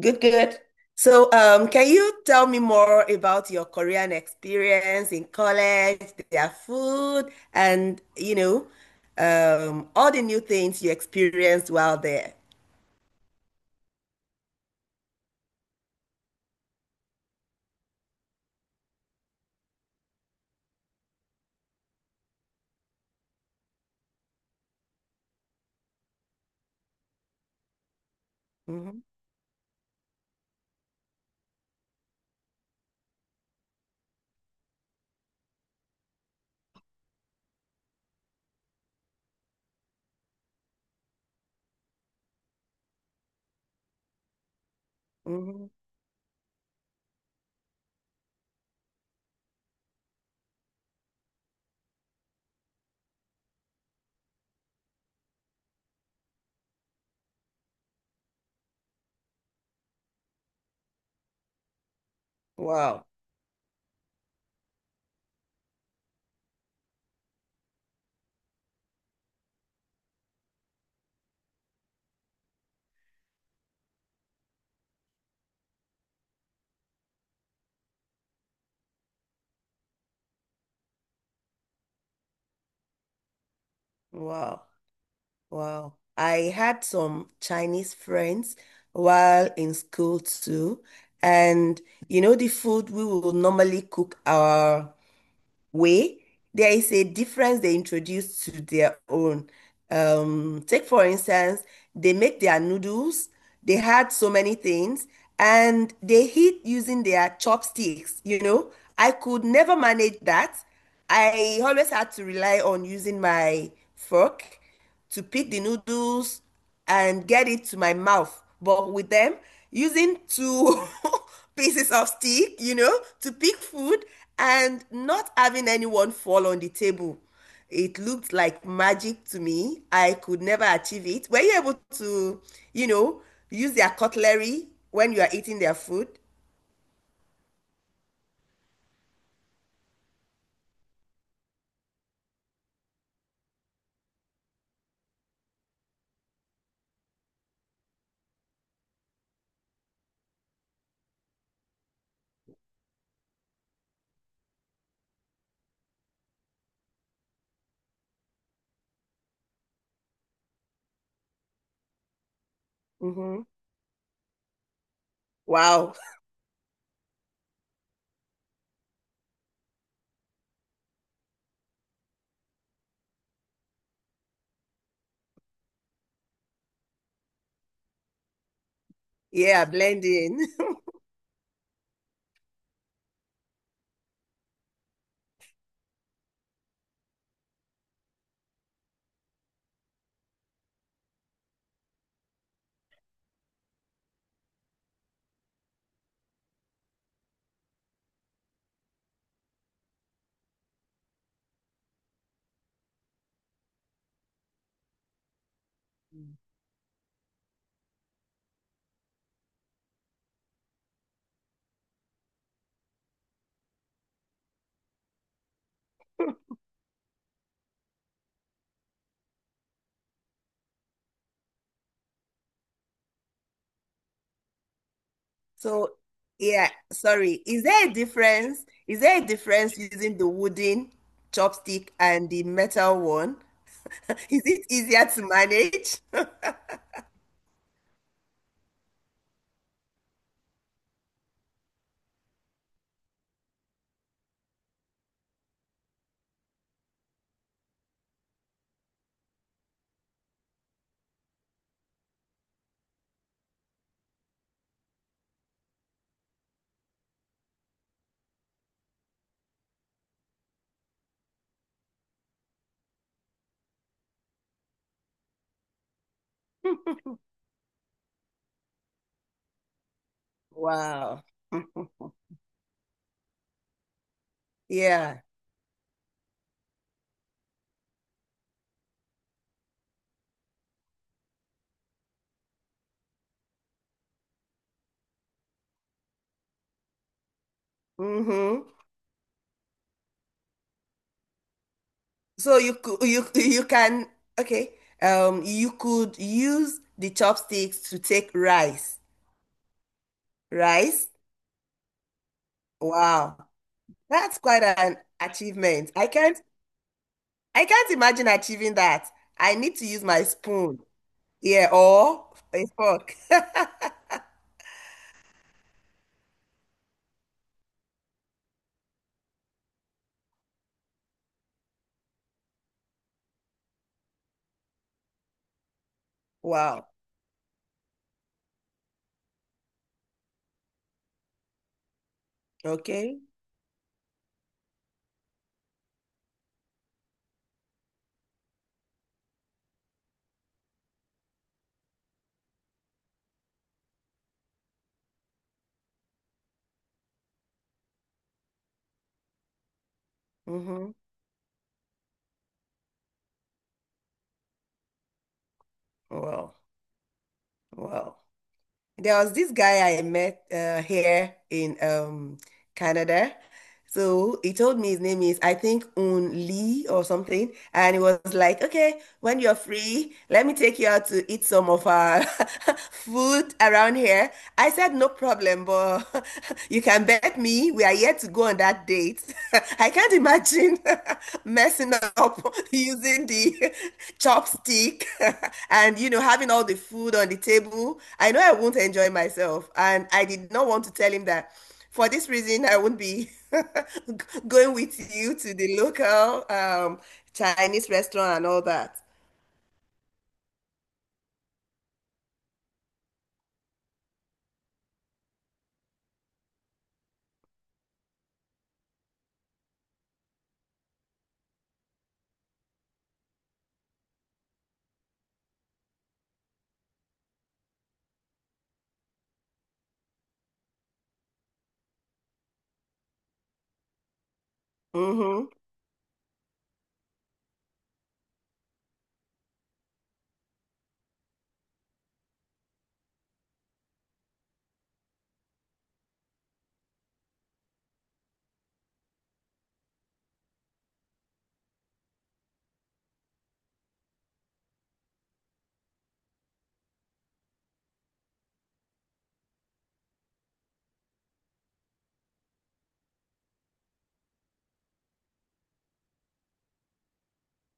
Good, good. So, can you tell me more about your Korean experience in college, their food, and all the new things you experienced while there? Hmm. Hmm. Wow, wow, wow. I had some Chinese friends while in school too, and you know, the food we will normally cook our way, there is a difference they introduce to their own. Take for instance, they make their noodles. They had so many things and they eat using their chopsticks, you know. I could never manage that. I always had to rely on using my fork to pick the noodles and get it to my mouth. But with them, using two pieces of stick, you know, to pick food and not having anyone fall on the table. It looked like magic to me. I could never achieve it. Were you able to, you know, use their cutlery when you are eating their food? Hmm. Wow. Yeah, blending. So, yeah, sorry. Is there a difference? Is there a difference using the wooden chopstick and the metal one? Is it easier to manage? Wow. Yeah. Hmm. So you can okay. You could use the chopsticks to take rice. Rice? Wow, that's quite an achievement. I can't imagine achieving that. I need to use my spoon. Yeah, or a fork. Wow. Okay. Mm-hmm. Wow. Wow. There was this guy I met here in Canada. So he told me his name is, I think, Un Lee or something. And he was like, okay, when you're free, let me take you out to eat some of our food around here. I said, no problem, but you can bet me we are yet to go on that date. I can't imagine messing up using the chopstick and, you know, having all the food on the table. I know I won't enjoy myself. And I did not want to tell him that for this reason, I won't be going with you to the local Chinese restaurant and all that. Mm-hmm.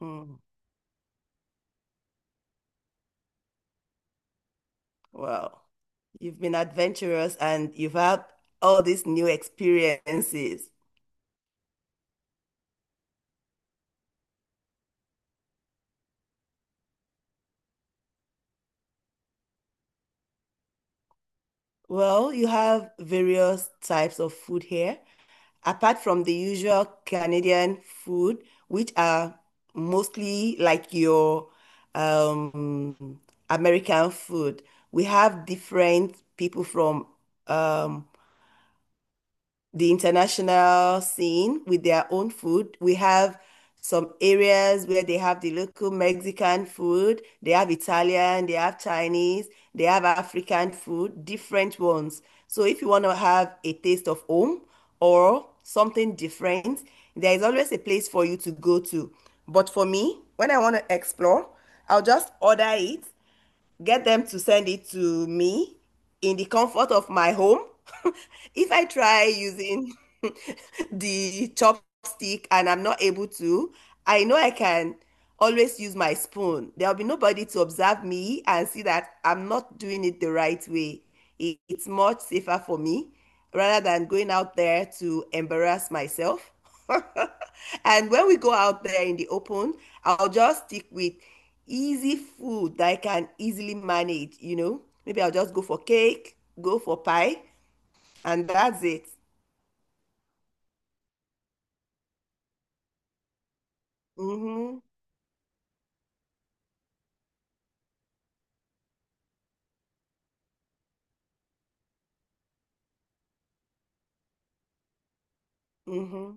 Mm. Wow. You've been adventurous and you've had all these new experiences. Well, you have various types of food here, apart from the usual Canadian food, which are mostly like your um, American food. We have different people from um, the international scene with their own food. We have some areas where they have the local Mexican food, they have Italian, they have Chinese, they have African food, different ones. So if you want to have a taste of home or something different, there is always a place for you to go to. But for me, when I want to explore, I'll just order it get them to send it to me in the comfort of my home. If I try using the chopstick and I'm not able to, I know I can always use my spoon. There'll be nobody to observe me and see that I'm not doing it the right way. It's much safer for me rather than going out there to embarrass myself. And when we go out there in the open, I'll just stick with easy food that I can easily manage, you know. Maybe I'll just go for cake, go for pie, and that's it. Mm-hmm. Mm-hmm.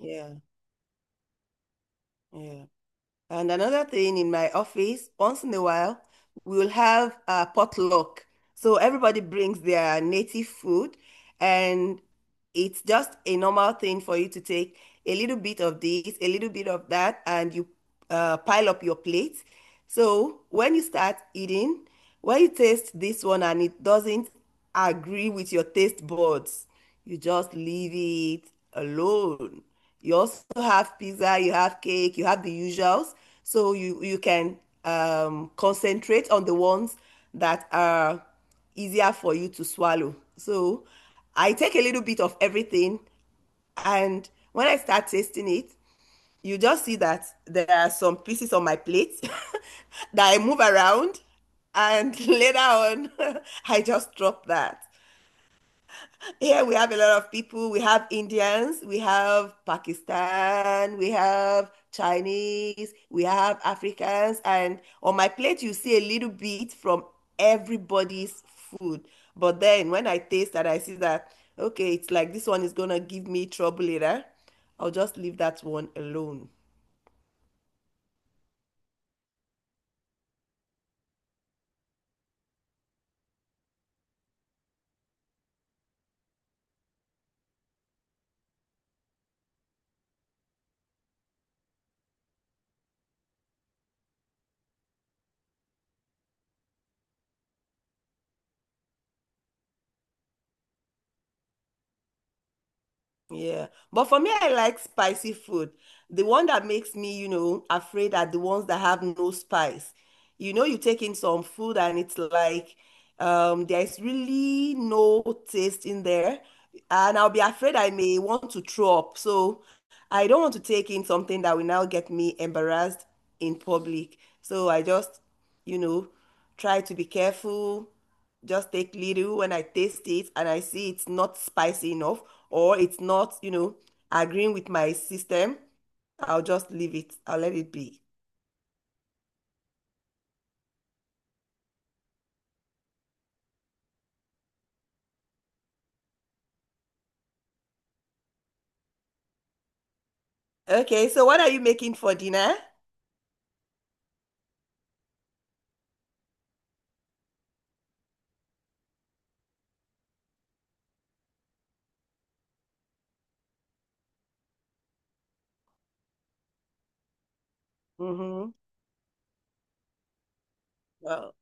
Yeah, yeah. And another thing in my office, once in a while, we'll have a potluck. So everybody brings their native food, and it's just a normal thing for you to take a little bit of this, a little bit of that, and you pile up your plate. So when you start eating, when you taste this one and it doesn't agree with your taste buds, you just leave it alone. You also have pizza, you have cake, you have the usuals. So you can concentrate on the ones that are easier for you to swallow. So I take a little bit of everything, and when I start tasting it, you just see that there are some pieces on my plate that I move around, and later on, I just drop that. Here we have a lot of people. We have Indians, we have Pakistan, we have Chinese, we have Africans, and on my plate, you see a little bit from everybody's food. But then when I taste that, I see that, okay, it's like this one is gonna give me trouble later. I'll just leave that one alone. Yeah. But for me, I like spicy food. The one that makes me, you know, afraid are the ones that have no spice. You know, you take in some food and it's like there's really no taste in there. And I'll be afraid I may want to throw up. So I don't want to take in something that will now get me embarrassed in public. So I just, you know, try to be careful just take little and I taste it and I see it's not spicy enough or it's not, you know, agreeing with my system, I'll just leave it. I'll let it be. Okay, so what are you making for dinner? Mm-hmm. Wow.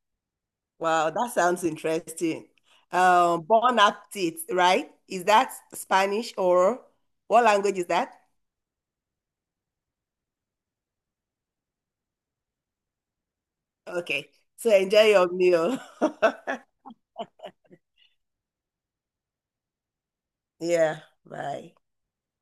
Wow, that sounds interesting. Bon appetit, right? Is that Spanish or what language is that? Okay, so enjoy your meal. Yeah, bye.